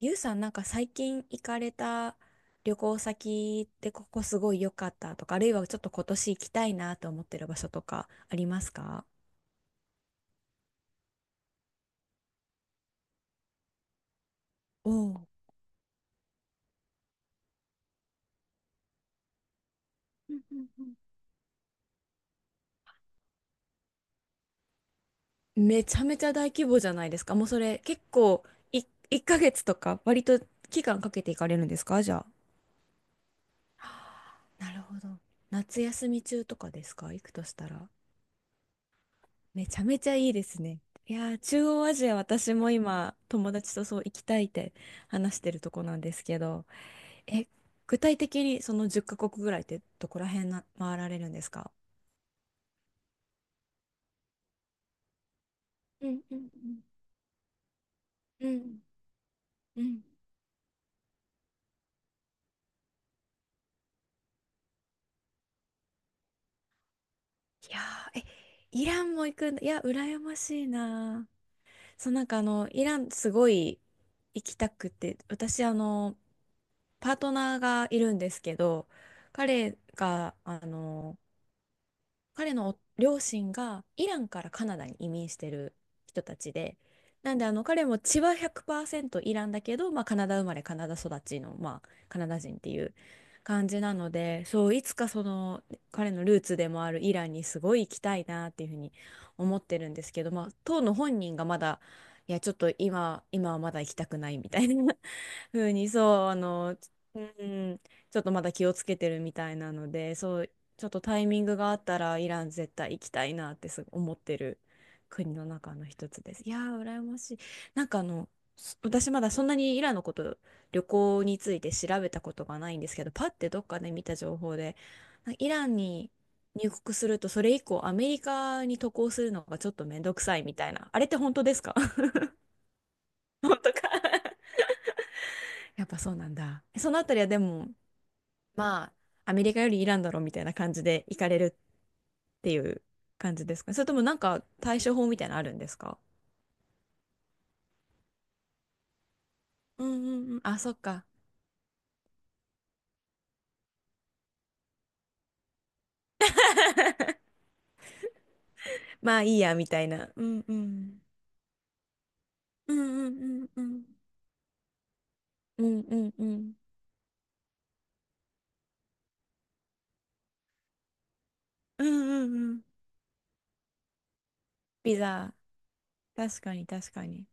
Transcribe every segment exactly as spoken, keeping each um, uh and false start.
ゆうさん、なんか最近行かれた旅行先ってここすごい良かったとか、あるいはちょっと今年行きたいなと思ってる場所とかありますか？おお。う、めちゃめちゃ大規模じゃないですか。もうそれ結構、い、いっかげつとか割と期間かけて行かれるんですかじゃあ？なるほど。夏休み中とかですか、行くとしたら？めちゃめちゃいいですね。いやー、中央アジア私も今友達とそう行きたいって話してるとこなんですけど。え、具体的にそのじゅっカ国ぐらいってどこら辺な回られるんですか？うんうん。うんうん。うん。いやー、え、イランも行くんだ。いや、羨ましいなー。そう、なんかあの、イランすごい行きたくて、私あの、パートナーがいるんですけど、彼が、あの、彼の両親がイランからカナダに移民してる人たちで、なんであの彼も血はひゃくパーセントイランだけど、まあ、カナダ生まれカナダ育ちの、まあ、カナダ人っていう感じなので、そういつかその彼のルーツでもあるイランにすごい行きたいなっていうふうに思ってるんですけど、まあ、当の本人がまだ、いやちょっと今、今はまだ行きたくないみたいなふうに、そうあの、うん、ちょっとまだ気をつけてるみたいなので、そうちょっとタイミングがあったらイラン絶対行きたいなってすごい思ってる国の中の一つです。いやー羨ましい。なんかあのす、私まだそんなにイランのこと、旅行について調べたことがないんですけど、パッてどっかで見た情報でなんかイランに入国するとそれ以降アメリカに渡航するのがちょっとめんどくさいみたいな、あれって本当ですか？ 本当か。 やっぱそうなんだ。そのあたりはでも、まあ、アメリカよりイランだろみたいな感じで行かれるっていう感じですか？それともなんか対処法みたいなのあるんですか？うんうんうん。あ、そっか。まあいいや、みたいな。うんうん。うんうんうんうん。うんうんうん。うんうんうん。ビザ。確かに、確かに。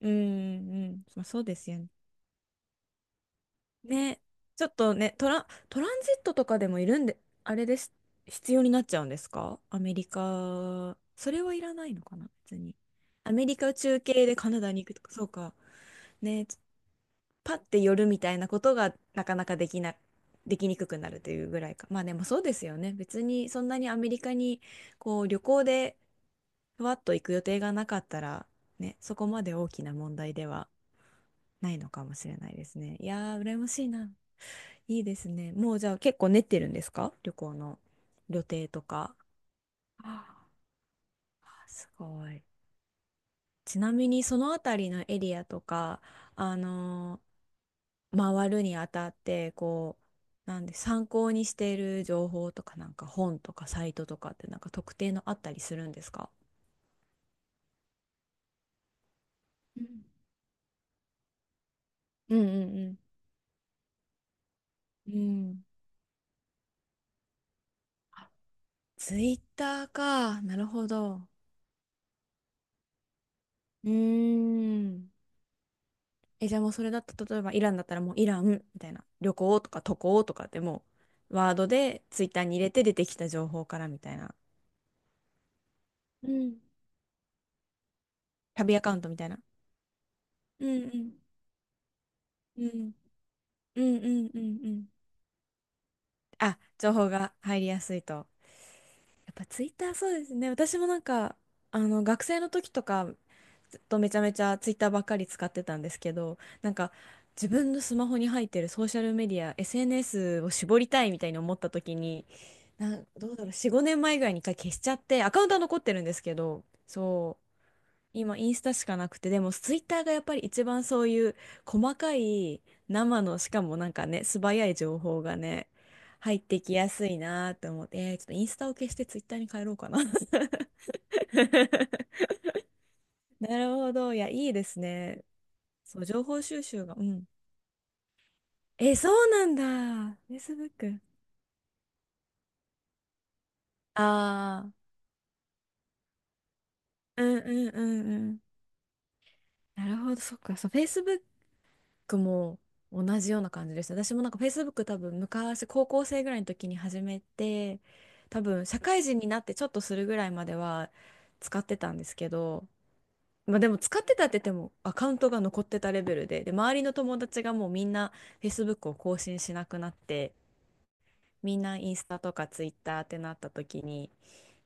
うんうんうん。まあそうですよね。ね、ちょっとね、トラン、トランジットとかでもいるんで、あれです、必要になっちゃうんですかアメリカ、それはいらないのかな、別に。アメリカ中継でカナダに行くとか、そうか。ね、パッて寄るみたいなことがなかなかできな、できにくくなるというぐらいか。まあでもそうですよね。別にそんなにアメリカにこう旅行でふわっと行く予定がなかったら、ね、そこまで大きな問題ではないのかもしれないですね。いやー、羨ましいな。いいですね。もうじゃあ結構練ってるんですか、旅行の予定とか？あーすごい。ちなみにそのあたりのエリアとか、あのー回るにあたって、こう、なんで参考にしている情報とか、なんか本とかサイトとかってなんか特定のあったりするんですか？うんうんうん。うん。ツイッターか。なるほど。うーん。え、じゃあもうそれだと、例えばイランだったらもうイランみたいな、旅行とか渡航とかってもうワードでツイッターに入れて出てきた情報からみたいな。うん。旅アカウントみたいな。うんうん。うんうんうんうんうん。あ、情報が入りやすいと。やっぱツイッターそうですね。私もなんか、あの、学生の時とか、ずっとめちゃめちゃツイッターばっかり使ってたんですけど、なんか、自分のスマホに入ってるソーシャルメディア、エスエヌエス を絞りたいみたいに思った時に、なん、どうだろう、よん、ごねんまえぐらいに一回消しちゃって、アカウントは残ってるんですけど、そう今インスタしかなくて、でもツイッターがやっぱり一番そういう細かい、生の、しかもなんかね、素早い情報がね、入ってきやすいなと思って、えーちょっとインスタを消してツイッターに変えろうかな。なるほど。いや、いいですね。そう、情報収集が。うん。え、そうなんだ。Facebook。ああ。うんうんうんうん。なるほど。そっか。そう、Facebook クも同じような感じでした。私もなんか Facebook 多分昔高校生ぐらいの時に始めて、多分社会人になってちょっとするぐらいまでは使ってたんですけど、まあでも使ってたって言ってもアカウントが残ってたレベルで、で、周りの友達がもうみんな Facebook を更新しなくなって、みんなインスタとか Twitter ってなった時に、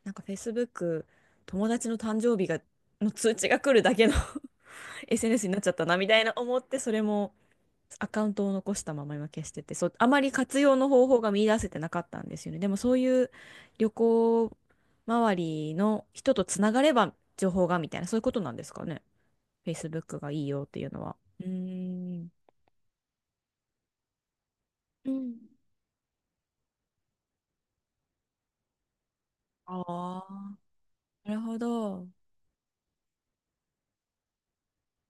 なんか Facebook 友達の誕生日がの通知が来るだけの エスエヌエス になっちゃったなみたいな思って、それもアカウントを残したまま今消してて、そう、あまり活用の方法が見出せてなかったんですよね。でもそういう旅行周りの人とつながれば情報がみたいな、そういうことなんですかね。Facebook がいいよっていうのは。うーん。うん。ああ、なるほど。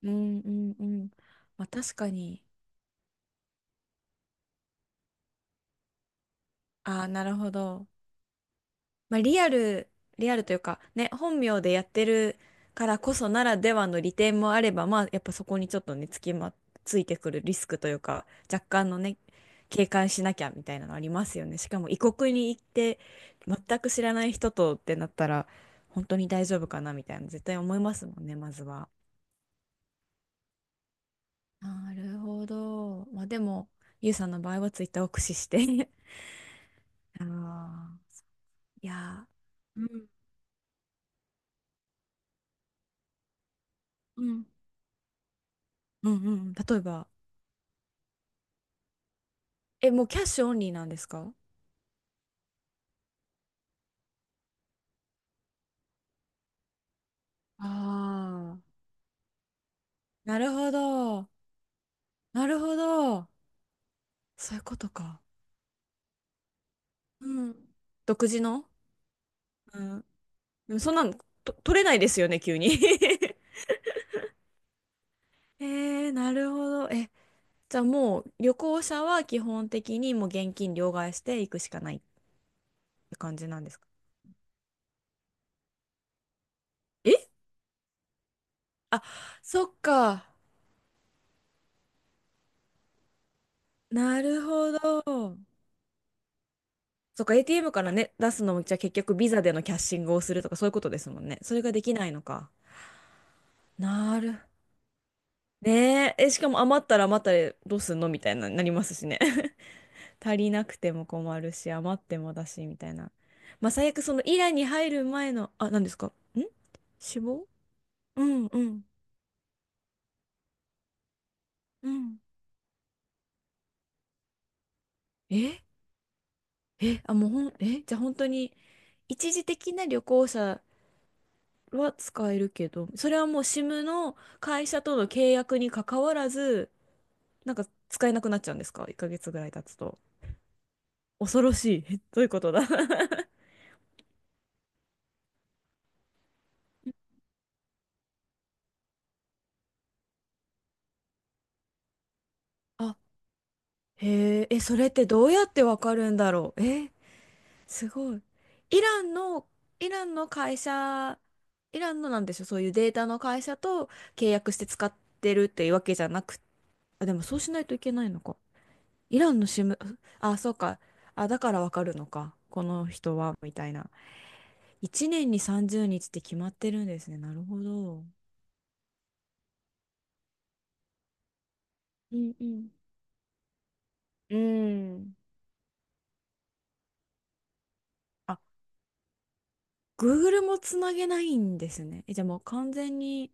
うんうんうん。まあ確かに。ああ、なるほど。まあ、リアル、リアルというか、ね、本名でやってるからこそならではの利点もあれば、まあ、やっぱそこにちょっとね、つきま、ついてくるリスクというか、若干のね、警戒しなきゃみたいなのありますよね。しかも異国に行って、全く知らない人とってなったら、本当に大丈夫かなみたいな、絶対思いますもんね、まずは。なるほど。まあ、でも、ゆうさんの場合はツイッターを駆使して。 ああ、いやー、うんうんうんうん。例えば、え、もうキャッシュオンリーなんですか？ああ、なるほど。なるほど。そういうことか。うん。独自の。うん。でもそんなのと取れないですよね、急に。 えー、なるほど。え、じゃあもう旅行者は基本的にもう現金両替していくしかないって感じなんですか？え、あ、そっか。なるほど。そっか、エーティーエム からね、出すのも、じゃあ結局ビザでのキャッシングをするとかそういうことですもんね。それができないのか。なる。ねえ、え、しかも余ったら余ったでどうすんのみたいな、なりますしね。足りなくても困るし、余ってもだし、みたいな。まあ、最悪そのイランに入る前の、あ、何ですかん、死亡。うんうん。うん。え、え、あ、もうほん、え、じゃあ本当に、一時的な旅行者は使えるけど、それはもう SIM の会社との契約に関わらず、なんか使えなくなっちゃうんですか？ いっ ヶ月ぐらい経つと。恐ろしい。えどういうことだ。 へえ、え、それってどうやってわかるんだろう。え、すごい。イランの、イランの会社、イランのなんでしょう、そういうデータの会社と契約して使ってるっていうわけじゃなく、あ、でもそうしないといけないのか。イランのシム、あ、そうか。あ、だからわかるのか。この人は、みたいな。いちねんにさんじゅうにちって決まってるんですね。なるほど。うんうん。うん。あ、Google もつなげないんですね。え、じゃあもう完全に、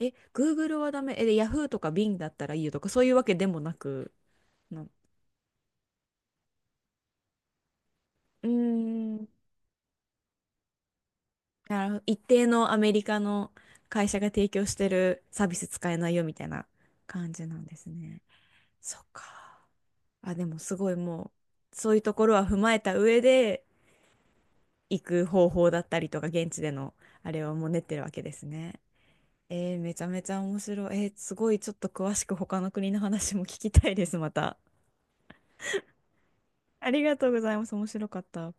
え、Google はダメ。え、で Yahoo とか Bing だったらいいよとか、そういうわけでもなく、な、うーん、なるほど。一定のアメリカの会社が提供してるサービス使えないよみたいな感じなんですね。そっか。あ、でもすごいもう、そういうところは踏まえた上で行く方法だったりとか、現地でのあれはもう練ってるわけですね。えー、めちゃめちゃ面白い。えーすごいちょっと詳しく他の国の話も聞きたいです、また。ありがとうございます。面白かった。